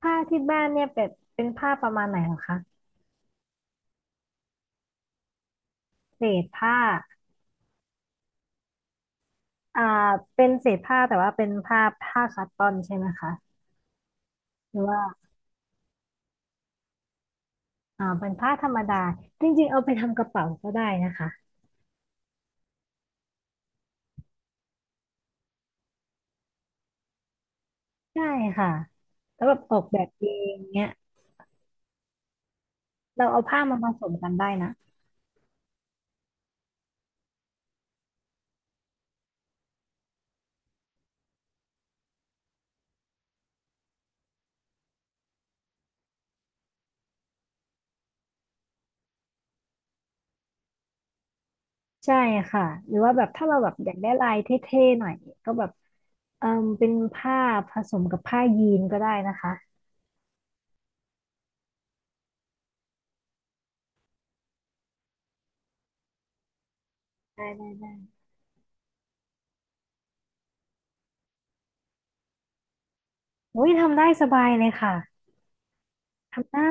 ผ้าที่บ้านเนี่ยเป็นผ้าประมาณไหนเหรอคะเศษผ้าอ่าเป็นเศษผ้าแต่ว่าเป็นผ้าคัตตอนใช่ไหมคะหรือว่าอ่าเป็นผ้าธรรมดาจริงๆเอาไปทำกระเป๋าก็ได้นะคะใช่ค่ะแล้วแบบออกแบบเองเนี้ยเราเอาผ้ามาผสมกันได้นะใช่ค่ะหรือว่าแบบถ้าเราแบบอยากได้ลายเท่ๆหน่อยก็แบบเออเป็นผ้าผสมกับผ้ายีนก็ได้นะคะได้ได้ได้โอ้ยทำได้สบายเลยค่ะทำได้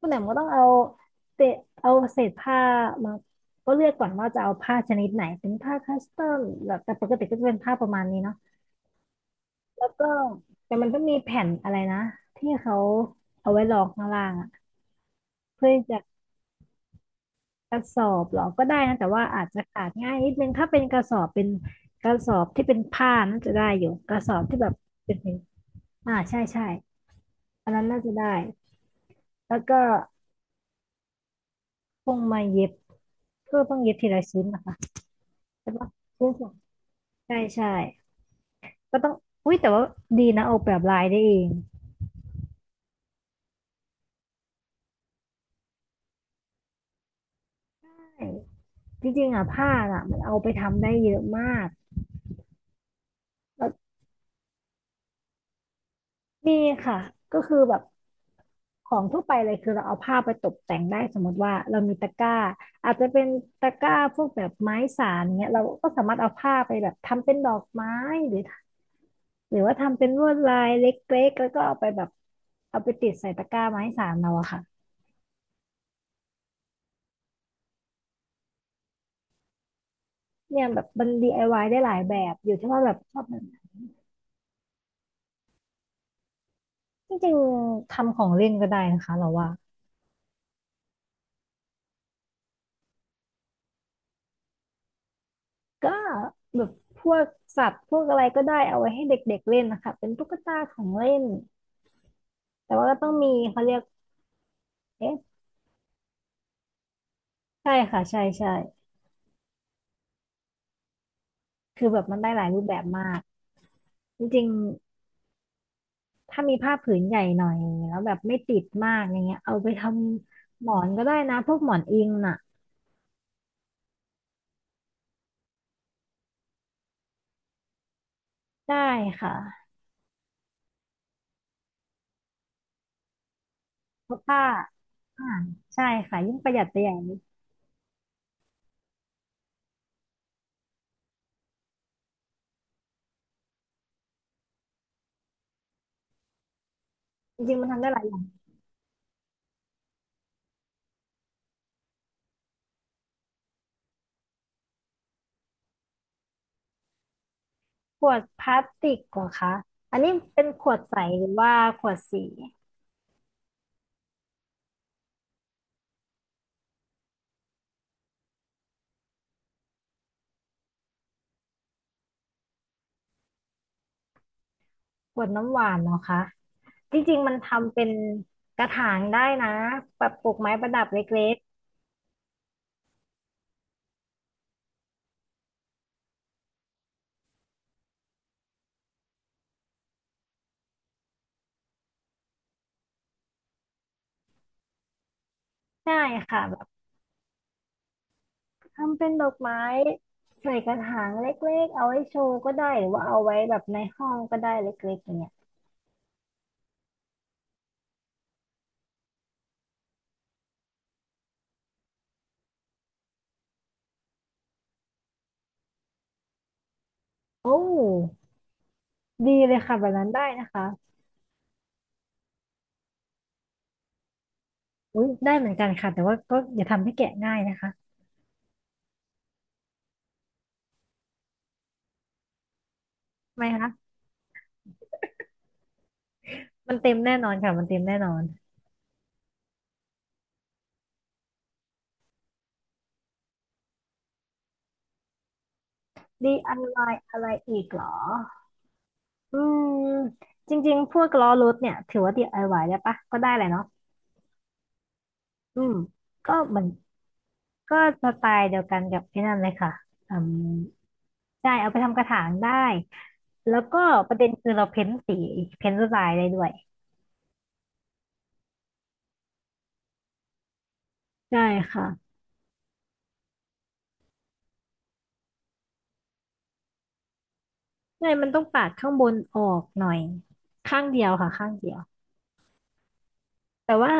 คุณแหม่มก็ต้องเอาเศษเอาเศษผ้ามาก็เลือกก่อนว่าจะเอาผ้าชนิดไหนเป็นผ้าคัสตอมแบบแต่ปกติก็จะเป็นผ้าประมาณนี้เนาะแล้วก็แต่มันก็มีแผ่นอะไรนะที่เขาเอาไว้รองข้างล่างอะเพื่อจะกระสอบหรอก็ได้นะแต่ว่าอาจจะขาดง่ายนิดนึงถ้าเป็นกระสอบเป็นกระสอบที่เป็นผ้าน่าจะได้อยู่กระสอบที่แบบเป็นอ่าใช่ใช่อันนั้นน่าจะได้แล้วก็พวงมาเย็บเพื่อต้องเย็บทีละชิ้นนะคะใช่ปะชิ้นสอง ใช่ใช่ก็ต้องอุ้ยแต่ว่าดีนะออกแบบลายได้เองใช่จริงๆอ่ะผ้าอ่ะมันเอาไปทำได้เยอะมากแล้วนี่ค่ะก็คือแบบของทั่วไปเลยคือเราเอาผ้าไปตกแต่งได้สมมติว่าเรามีตะกร้าอาจจะเป็นตะกร้าพวกแบบไม้สานเงี้ยเราก็สามารถเอาผ้าไปแบบทำเป็นดอกไม้หรือว่าทำเป็นลวดลายเล็กๆแล้วก็เอาไปแบบเอาไปติดใส่ตะกร้าไม้สานเราอะค่ะเนี่ยแบบมัน d า y ได้หลายแบบอยู่ที่ว่าแบบชอบ จริงๆทำของเล่นก็ได้นะคะเราว่าก็แบบพวกสัตว์พวกอะไรก็ได้เอาไว้ให้เด็กๆเล่นนะคะเป็นตุ๊กตาของเล่นแต่ว่าก็ต้องมีเขาเรียกเอ๊ะใช่ค่ะใช่ใช่คือแบบมันได้หลายรูปแบบมากจริงๆถ้ามีผ้าผืนใหญ่หน่อยแล้วแบบไม่ติดมากอย่างเงี้ยเอาไปทำหมอนก็ได้นะพวกหมอนอิงน่ะได้ค่ะเพราะผ้าอ่าใช่ค่ะยิ่งประหยัดไปใหญ่จริงๆมันทำได้หลาย ขวดพลาสติกเหรอคะอันนี้เป็นขวดใสหรือว่าขวดสีขวดน้ำหวานเหรอคะจริงๆมันทำเป็นกระถางได้นะแบบปลูกไม้ประดับเล็กๆได้ค่ะแบบทำเป็นดอกไม้ใส่กระถางเล็กๆเอาไว้โชว์ก็ได้หรือว่าเอาไว้แบบในห้องก็ได้เล็กๆอย่างเงี้ยโอ้ดีเลยค่ะแบบนั้นได้นะคะอุ้ยได้เหมือนกันค่ะแต่ว่าก็อย่าทำให้แกะง่ายนะคะทำไมคะมันเต็มแน่นอนค่ะมันเต็มแน่นอน DIY อวายอะไรอีกเหรอ อืมจริงๆพวกล้อรถเนี่ยถือว่าดี DIY ได้ปะก็ได้แหละเนาะอืมก็เหมือนก็สไตล์เดียวกันกับไอ้นั่นเลยค่ะอืมได้เอาไปทำกระถางได้แล้วก็ประเด็นคือเราเพ้นสีเพ้นลวดลายได้ด้วยใช่ค่ะใช่มันต้องปาดข้างบนออกหน่อยข้างเดียวค่ะข้างเดียวแต่ว่า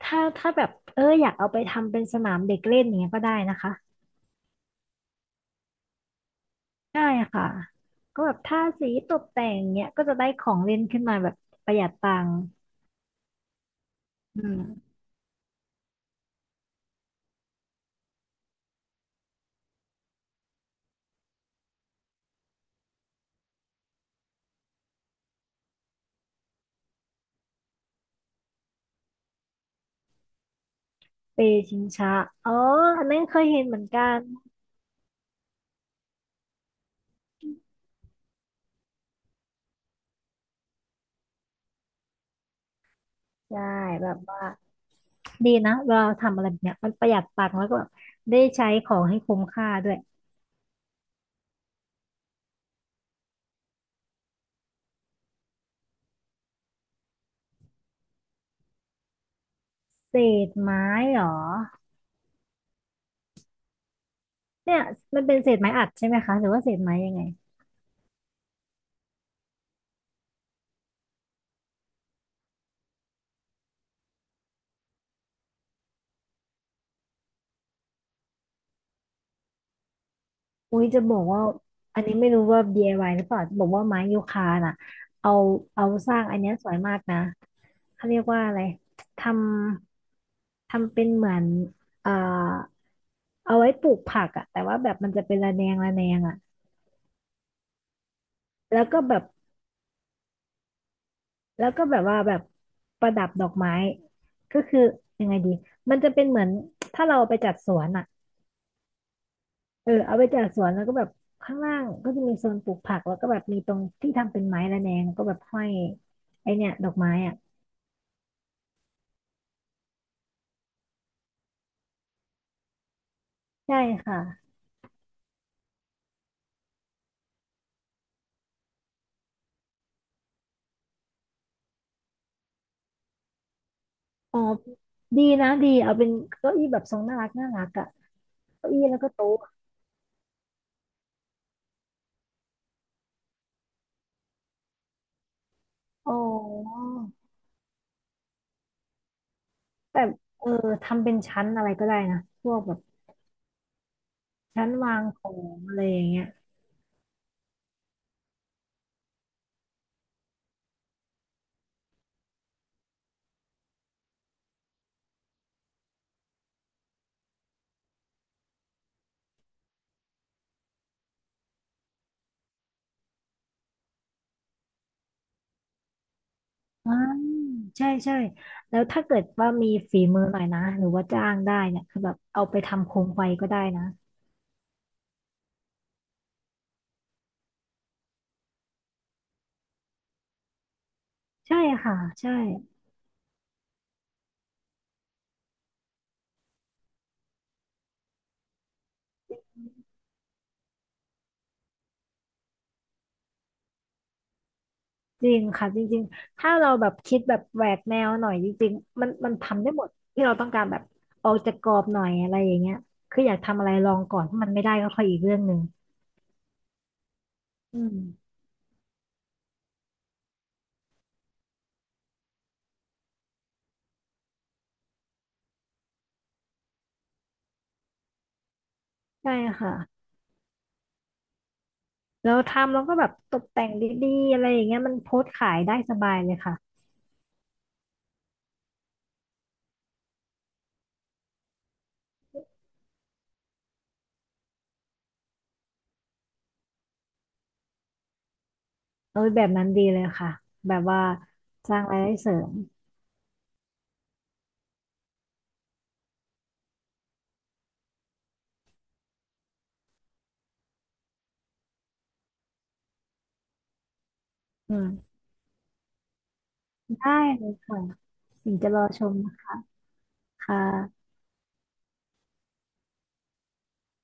ถ้าแบบอยากเอาไปทำเป็นสนามเด็กเล่นอย่างเงี้ยก็ได้นะคะ ใช่ค่ะก็แบบทาสีตกแต่งเนี้ยก็จะได้ของเล่นขึ้นมาแบบประหยัดตังค์อืมเปชิงช้าอ๋ออันนั้นเคยเห็นเหมือนกันใช่แบบว่าดีนะเวลาเราทำอะไรแบบเนี้ยมันประหยัดตังค์แล้วก็แบบได้ใช้ของให้คุ้มค่าด้วยเศษไม้เหรอเนี่ยมันเป็นเศษไม้อัดใช่ไหมคะหรือว่าเศษไม้ยังไงอุ้ยจะบอกว่าอันนี้ไม่รู้ว่า DIY หรือเปล่าจะบอกว่าไม้ยูคาน่ะเอาเอาสร้างอันเนี้ยสวยมากนะเขาเรียกว่าอะไรทำ ทำเป็นเหมือนเอ่อเอาไว้ปลูกผักอะแต่ว่าแบบมันจะเป็นระแนงระแนงอะแล้วก็แบบ แล้วก็แบบว่าแบบประดับดอกไม้ก็คือยังไงดีมันจะเป็นเหมือนถ้าเราไปจัดสวนอะเอาไปจัดสวนแล้วก็แบบข้างล่างก็จะมีโซนปลูกผักแล้วก็แบบมีตรงที่ทำเป็นไม้ระแนงก็แบบห้อยไอเนี่ยดอกไม้อะใช่ค่ะอ๋อดีนะดีเอาเป็นเก้าอี้แบบทรงน่ารักน่ารักอะเก้าอี้แล้วก็โต๊ะอ๋อ แต่เออทำเป็นชั้นอะไรก็ได้นะพวกแบบชั้นวางของอะไรอย่างเงี้ยอ่าใช่ใช่แล้วถ้าเกิดว่ามีฝีมือหน่อยนะหรือว่าจ้างได้เนี่ยคือแบบเอาไปทำโคมไฟก็ได้นะใช่ค่ะใช่จริงค่ะจริงๆถ้าเราแบบคิดแบบแหวกแนวหน่อยจริงๆมันทำได้หมดที่เราต้องการแบบออกจากกรอบหน่อยอะไรอย่างเงี้ยคืออยากทำอะไรลองก่อนถ้ามันไม่ได้ก็ค่อยอีกเรื่องหนึ่งอืมใช่ค่ะ แล้วทำแล้วก็แบบตกแต่งดีๆอะไรอย่างเงี้ยมันโพสต์ขายได้สบายเลยค่ะเออแบบนั้นดีเลยค่ะแบบว่าสร้างรายได้เสริมอืมได้เลยค่ะถึงจะรอชมนะคะ